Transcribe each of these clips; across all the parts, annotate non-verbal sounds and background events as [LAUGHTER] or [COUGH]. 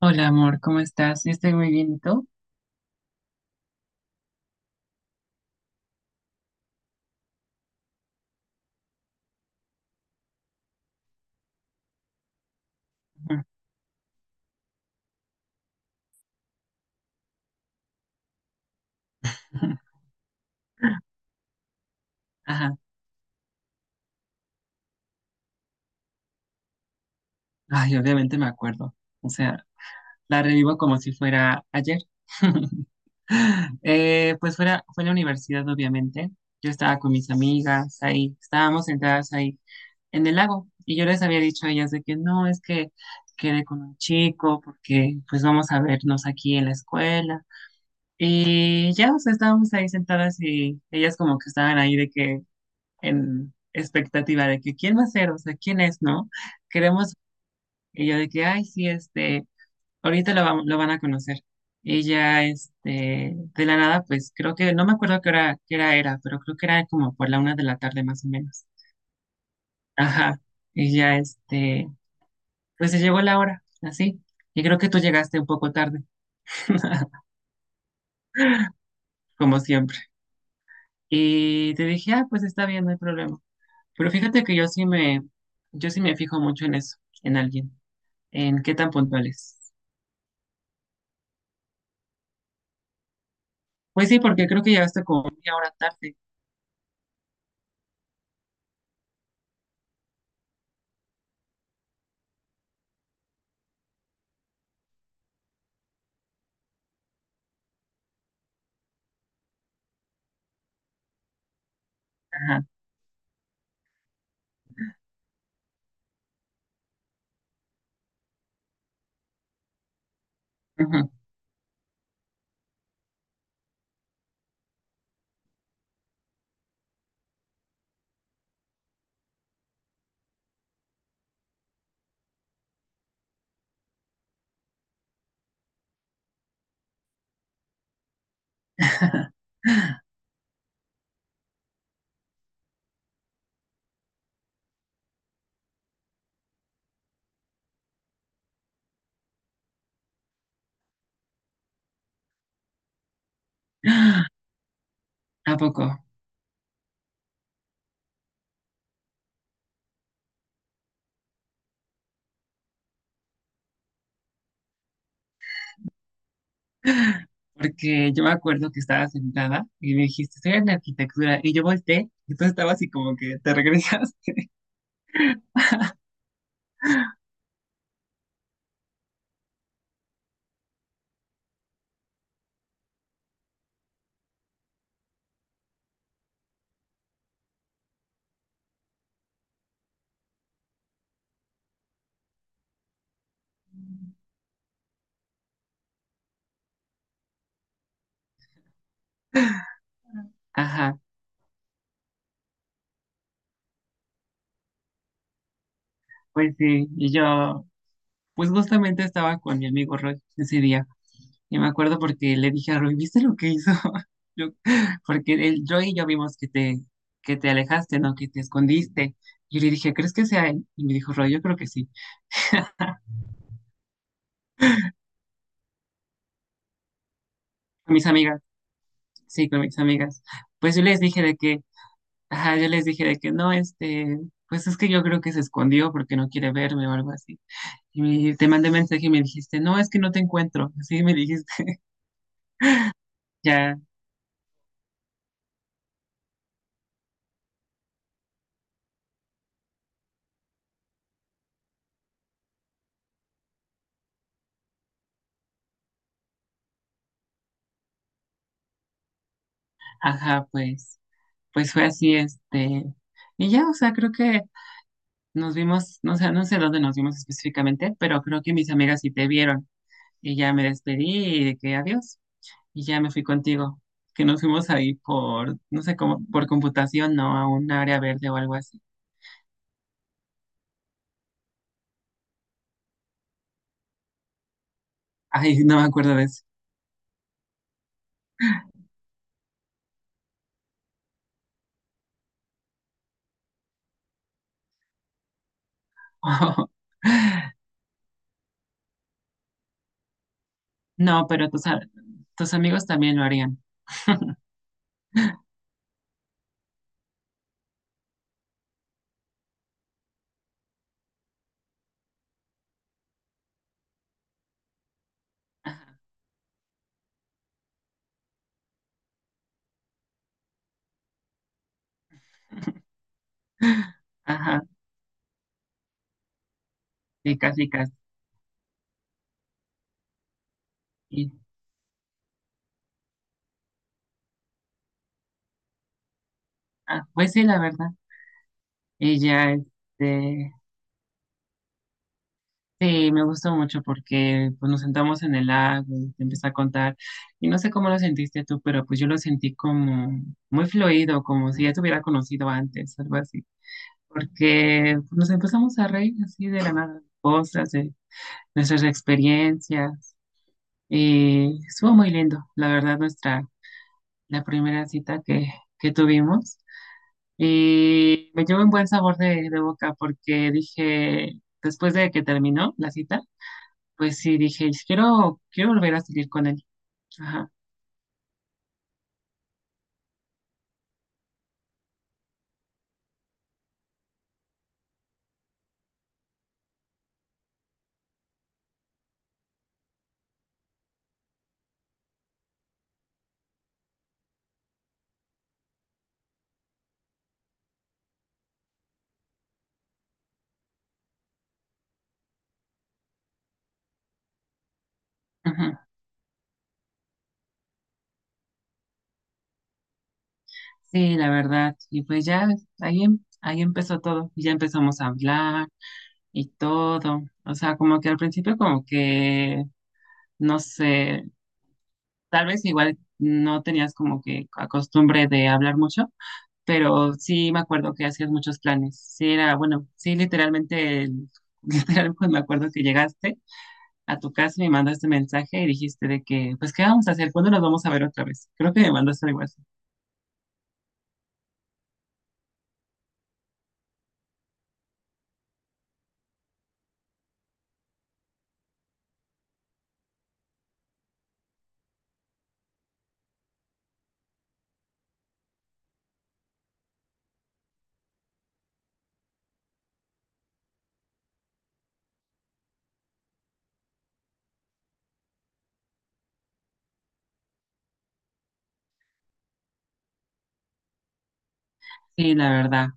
Hola, amor, ¿cómo estás? Yo estoy muy bien, ¿y tú? [LAUGHS] Ajá. Ay, obviamente me acuerdo. O sea, la revivo como si fuera ayer. [LAUGHS] Pues fue la universidad, obviamente. Yo estaba con mis amigas ahí, estábamos sentadas ahí en el lago y yo les había dicho a ellas de que no, es que quedé con un chico porque pues vamos a vernos aquí en la escuela. Y ya, o sea, estábamos ahí sentadas y ellas como que estaban ahí de que en expectativa de que quién va a ser, o sea, quién es, ¿no? Queremos ella de que, ay, sí, ahorita lo van a conocer. Y ya, de la nada, pues creo que, no me acuerdo qué hora, era, pero creo que era como por la 1 de la tarde más o menos. Ajá. Y ya, pues se llegó la hora, así. Y creo que tú llegaste un poco tarde, [LAUGHS] como siempre. Y te dije, ah, pues está bien, no hay problema. Pero fíjate que yo sí me fijo mucho en eso, en alguien, en qué tan puntuales. Pues sí, porque creo que llegaste como media hora tarde. Ajá, ajá. [LAUGHS] ¿A poco? Porque yo me acuerdo que estaba sentada y me dijiste, estoy en arquitectura, y yo volteé, y tú estabas así como que te regresaste. [LAUGHS] Ajá, pues sí, y yo, pues justamente estaba con mi amigo Roy ese día. Yo me acuerdo porque le dije a Rui, ¿viste lo que hizo? [LAUGHS] Yo- porque él, yo y yo vimos que te alejaste, ¿no? Que te escondiste. Yo le dije, ¿crees que sea él? Y me dijo, Roy, yo creo que sí. Con mis amigas, sí, con mis amigas. Pues yo les dije de que, ajá, yo les dije de que no, pues es que yo creo que se escondió porque no quiere verme o algo así. Y te mandé mensaje y me dijiste, no, es que no te encuentro. [LAUGHS] Así me dijiste, [LAUGHS] ya, ajá, pues fue así. Y ya, o sea, creo que nos vimos, no sé, dónde nos vimos específicamente, pero creo que mis amigas sí te vieron. Y ya me despedí y de que adiós. Y ya me fui contigo. Que nos fuimos ahí por, no sé cómo, por computación, ¿no? A un área verde o algo así. Ay, no me acuerdo de eso. [LAUGHS] No, pero tus amigos también lo harían. [LAUGHS] Ajá, sí, casi, casi. Y, ah, pues sí, la verdad. Y ya, sí, me gustó mucho porque pues, nos sentamos en el lago y te empecé a contar. Y no sé cómo lo sentiste tú, pero pues yo lo sentí como muy fluido, como si ya te hubiera conocido antes, algo así. Porque pues, nos empezamos a reír así de la nada, de cosas, de nuestras experiencias. Y estuvo muy lindo, la verdad, la primera cita que tuvimos. Y me llevó un buen sabor de boca porque dije, después de que terminó la cita, pues sí, dije, quiero volver a salir con él. Ajá, ajá. Sí, la verdad. Y pues ya ahí empezó todo. Y ya empezamos a hablar y todo. O sea, como que al principio como que, no sé, tal vez igual no tenías como que la costumbre de hablar mucho, pero sí me acuerdo que hacías muchos planes. Sí, era, bueno, sí, literalmente, [LAUGHS] literal, pues me acuerdo que llegaste a tu casa, me mandaste mensaje y dijiste de que, pues, ¿qué vamos a hacer? ¿Cuándo nos vamos a ver otra vez? Creo que me mandaste algo así. Sí, la verdad.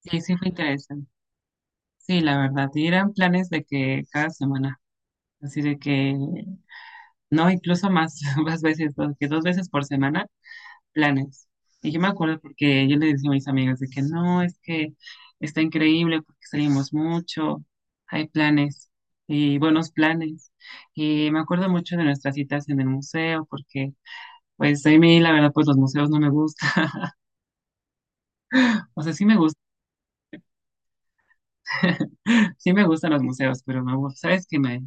Sí, sí fue interesante. Sí, la verdad. Y eran planes de que cada semana, así de que, no, incluso más, [LAUGHS] más veces, que dos veces por semana, planes. Y yo me acuerdo porque yo le decía a mis amigas de que no, es que está increíble porque salimos mucho, hay planes y buenos planes. Y me acuerdo mucho de nuestras citas en el museo porque pues a mí la verdad pues los museos no me gustan. [LAUGHS] O sea, sí me gusta, sí me gustan los museos, pero me aburro, sabes que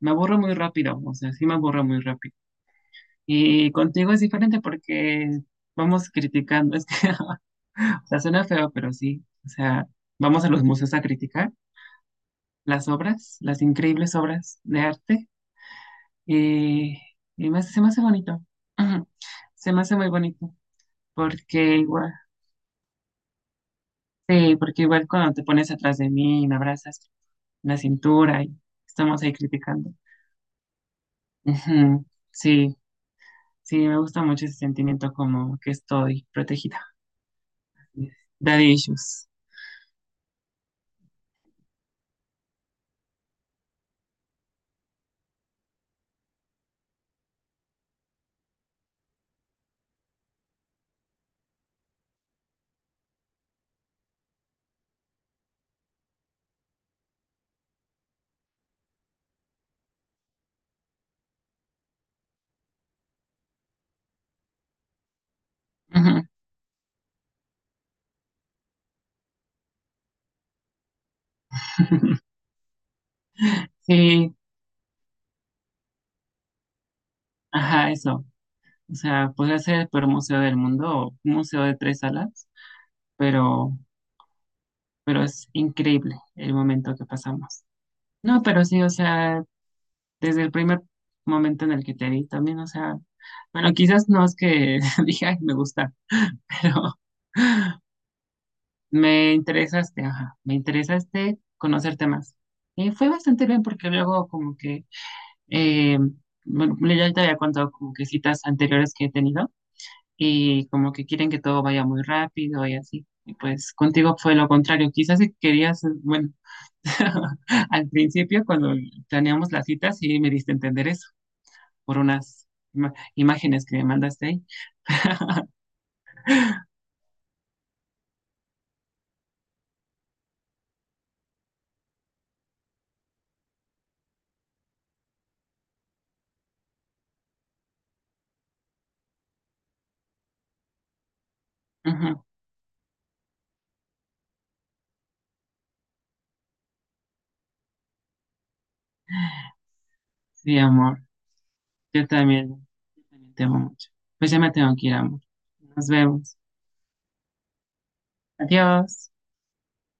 me aburro muy rápido, o sea, sí me aburro muy rápido. Y contigo es diferente porque vamos criticando, [LAUGHS] es que, o sea, suena feo, pero sí, o sea, vamos a los museos a criticar las obras, las increíbles obras de arte y, y se me hace bonito. [CLEARS THROAT] Se me hace muy bonito porque igual sí, porque igual cuando te pones atrás de mí y me abrazas la cintura y estamos ahí criticando. Ujú. Sí, sí, me gusta mucho ese sentimiento como que estoy protegida. Daddy issues. Ujú. [LAUGHS] Sí, ajá, eso. O sea, podría ser el peor museo del mundo o un museo de tres salas, pero, pero es increíble el momento que pasamos. No, pero sí, o sea, desde el primer momento en el que te vi también, o sea, bueno, quizás no es que [LAUGHS] dije, "Ay, me gusta", [LAUGHS] pero me interesaste, ajá, me interesaste conocerte más. Y fue bastante bien porque luego como que, eh, bueno, ya te había contado como que citas anteriores que he tenido y como que quieren que todo vaya muy rápido y así. Y pues contigo fue lo contrario, quizás si querías, bueno, [LAUGHS] al principio cuando planeamos las citas sí me diste a entender eso. Por unas imágenes que me mandaste ahí. Ujú. Sí, amor, yo también, yo también te amo mucho. Pues ya me tengo que ir, amor. Nos vemos. Adiós.